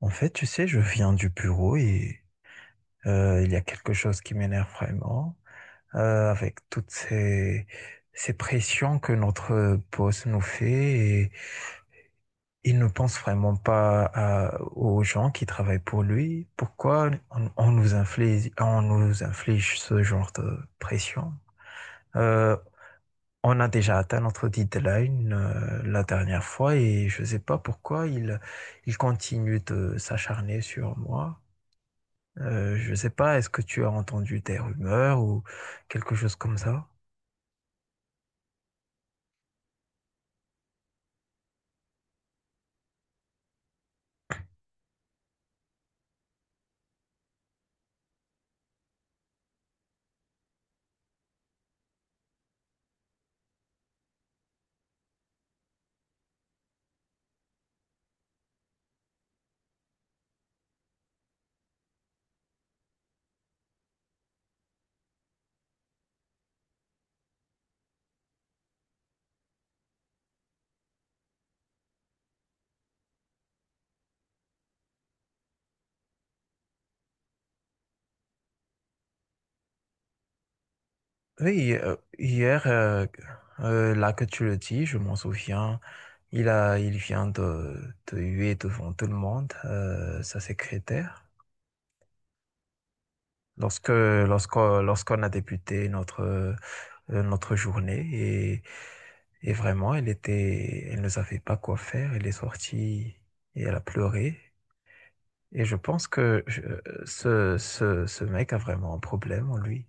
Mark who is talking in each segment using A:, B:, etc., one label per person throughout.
A: En fait, tu sais, je viens du bureau et il y a quelque chose qui m'énerve vraiment, avec ces pressions que notre boss nous fait et il ne pense vraiment pas aux gens qui travaillent pour lui. Pourquoi on nous inflige ce genre de pression? Euh, on a déjà atteint notre deadline la dernière fois et je ne sais pas pourquoi il continue de s'acharner sur moi. Je ne sais pas, est-ce que tu as entendu des rumeurs ou quelque chose comme ça? Oui, hier, là que tu le dis, je m'en souviens, il vient de huer devant tout le monde, sa secrétaire. Lorsqu'on a débuté notre, notre journée et vraiment, elle ne savait pas quoi faire, elle est sortie et elle a pleuré. Et je pense que ce mec a vraiment un problème en lui.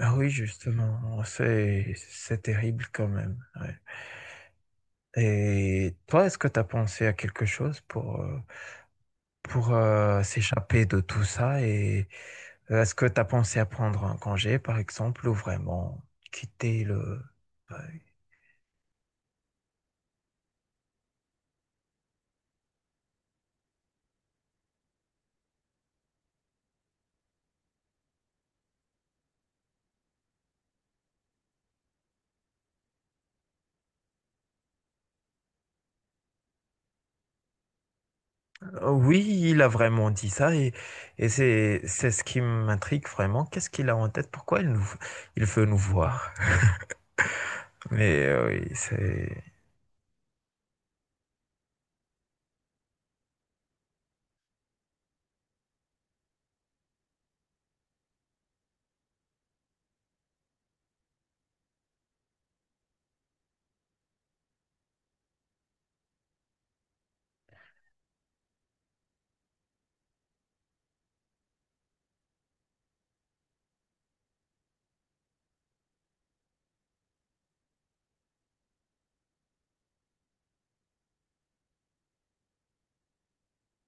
A: Ah oui, justement, c'est terrible quand même, ouais. Et toi, est-ce que tu as pensé à quelque chose pour s'échapper de tout ça? Et est-ce que tu as pensé à prendre un congé, par exemple, ou vraiment quitter le... ouais. Oui, il a vraiment dit ça et, c'est ce qui m'intrigue vraiment. Qu'est-ce qu'il a en tête? Il veut nous voir? Mais oui, c'est...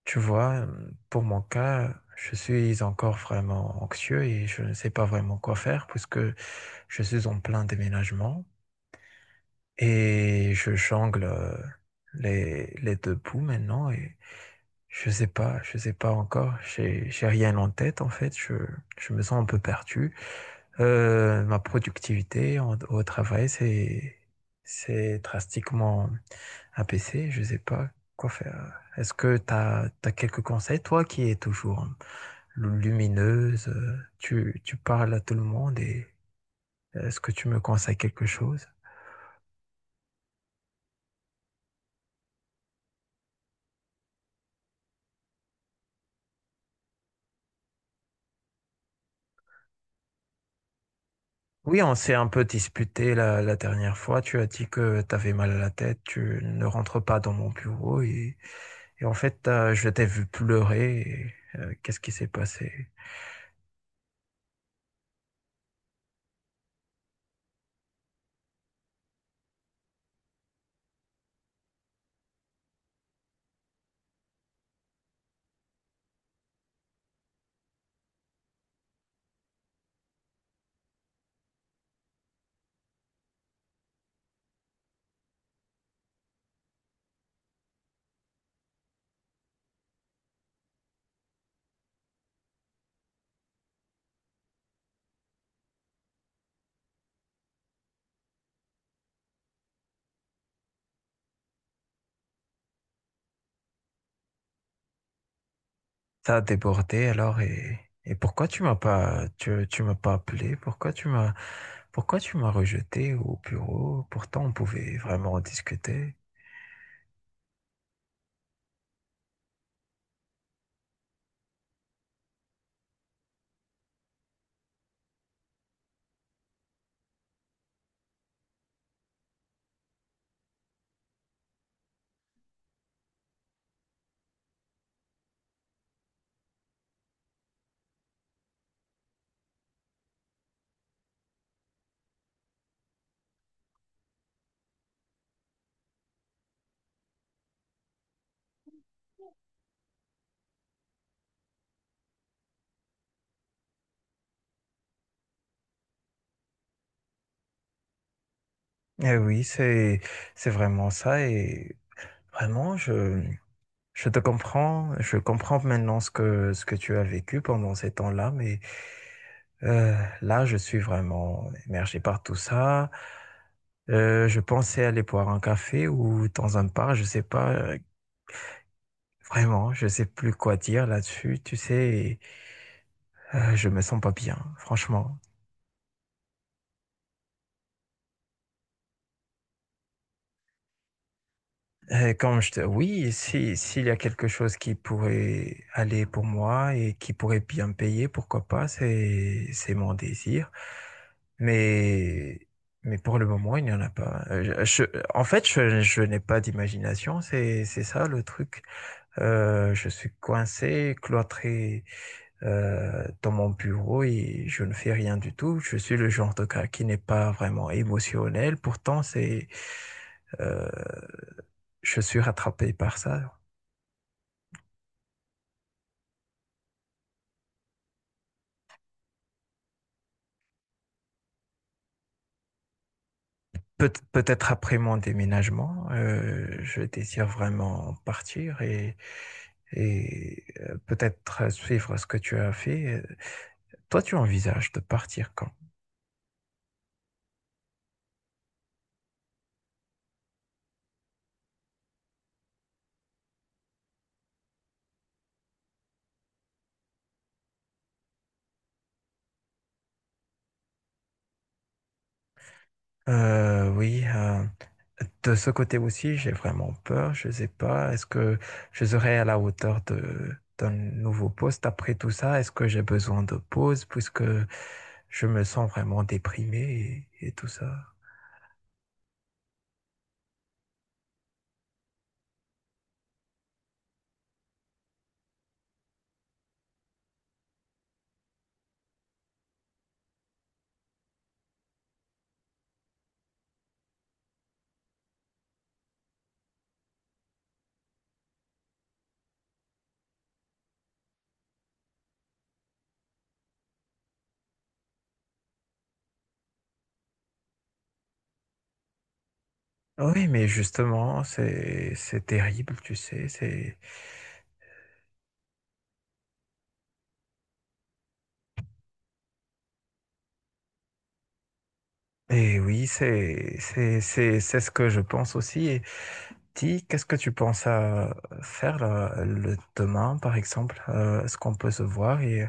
A: Tu vois, pour mon cas, je suis encore vraiment anxieux et je ne sais pas vraiment quoi faire puisque je suis en plein déménagement et je jongle les deux bouts maintenant et je sais pas encore, j'ai rien en tête en fait, je me sens un peu perdu. Ma productivité au travail, c'est drastiquement Un PC, je sais pas quoi faire. Est-ce que tu as, Quelques conseils, toi qui es toujours lumineuse, tu parles à tout le monde et est-ce que tu me conseilles quelque chose? Oui, on s'est un peu disputé la dernière fois. Tu as dit que tu avais mal à la tête, tu ne rentres pas dans mon bureau et en fait, je t'ai vu pleurer. Et, qu'est-ce qui s'est passé? T'as débordé alors et pourquoi tu m'as pas, tu m'as pas appelé? Pourquoi tu m'as rejeté au bureau? Pourtant on pouvait vraiment en discuter. Eh oui, c'est vraiment ça et vraiment je te comprends, je comprends maintenant ce que tu as vécu pendant ces temps-là, mais euh, là je suis vraiment émergé par tout ça. Je pensais aller boire un café ou dans un bar, je sais pas. Vraiment, je sais plus quoi dire là-dessus, tu sais, je me sens pas bien, franchement. Oui, si, s'il y a quelque chose qui pourrait aller pour moi et qui pourrait bien me payer, pourquoi pas, c'est mon désir. Mais, mais pour le moment, il n'y en a pas. En fait, je n'ai pas d'imagination, c'est ça le truc. Je suis coincé, cloîtré dans mon bureau et je ne fais rien du tout. Je suis le genre de gars qui n'est pas vraiment émotionnel. Pourtant, euh, je suis rattrapé par ça. Peut-être après mon déménagement, je désire vraiment partir et peut-être suivre ce que tu as fait. Toi, tu envisages de partir quand? Euh, oui, euh, de ce côté aussi, j'ai vraiment peur. Je ne sais pas, est-ce que je serai à la hauteur de, d'un nouveau poste après tout ça? Est-ce que j'ai besoin de pause puisque je me sens vraiment déprimé et tout ça? Oui, mais justement, c'est terrible, tu sais, c'est, et oui, c'est ce que je pense aussi. Et Ti, qu'est-ce que tu penses à faire là, le demain, par exemple? Est-ce qu'on peut se voir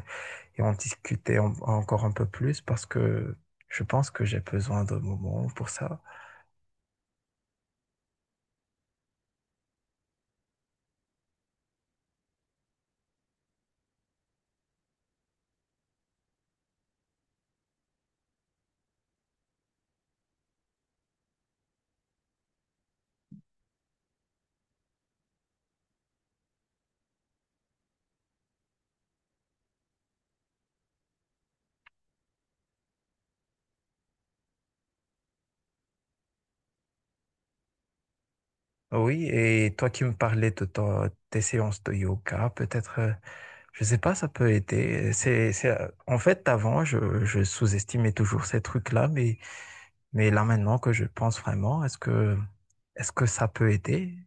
A: et on discutait encore un peu plus parce que je pense que j'ai besoin de moments pour ça. Oui, et toi qui me parlais de tes séances de yoga, peut-être, je sais pas, ça peut aider. En fait, avant, je sous-estimais toujours ces trucs-là, mais là maintenant que je pense vraiment, est-ce que ça peut aider?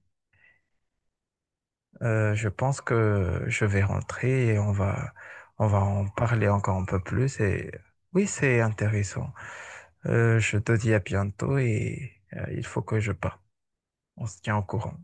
A: Je pense que je vais rentrer et on va en parler encore un peu plus. Et oui, c'est intéressant. Je te dis à bientôt et il faut que je parte. On se tient au courant.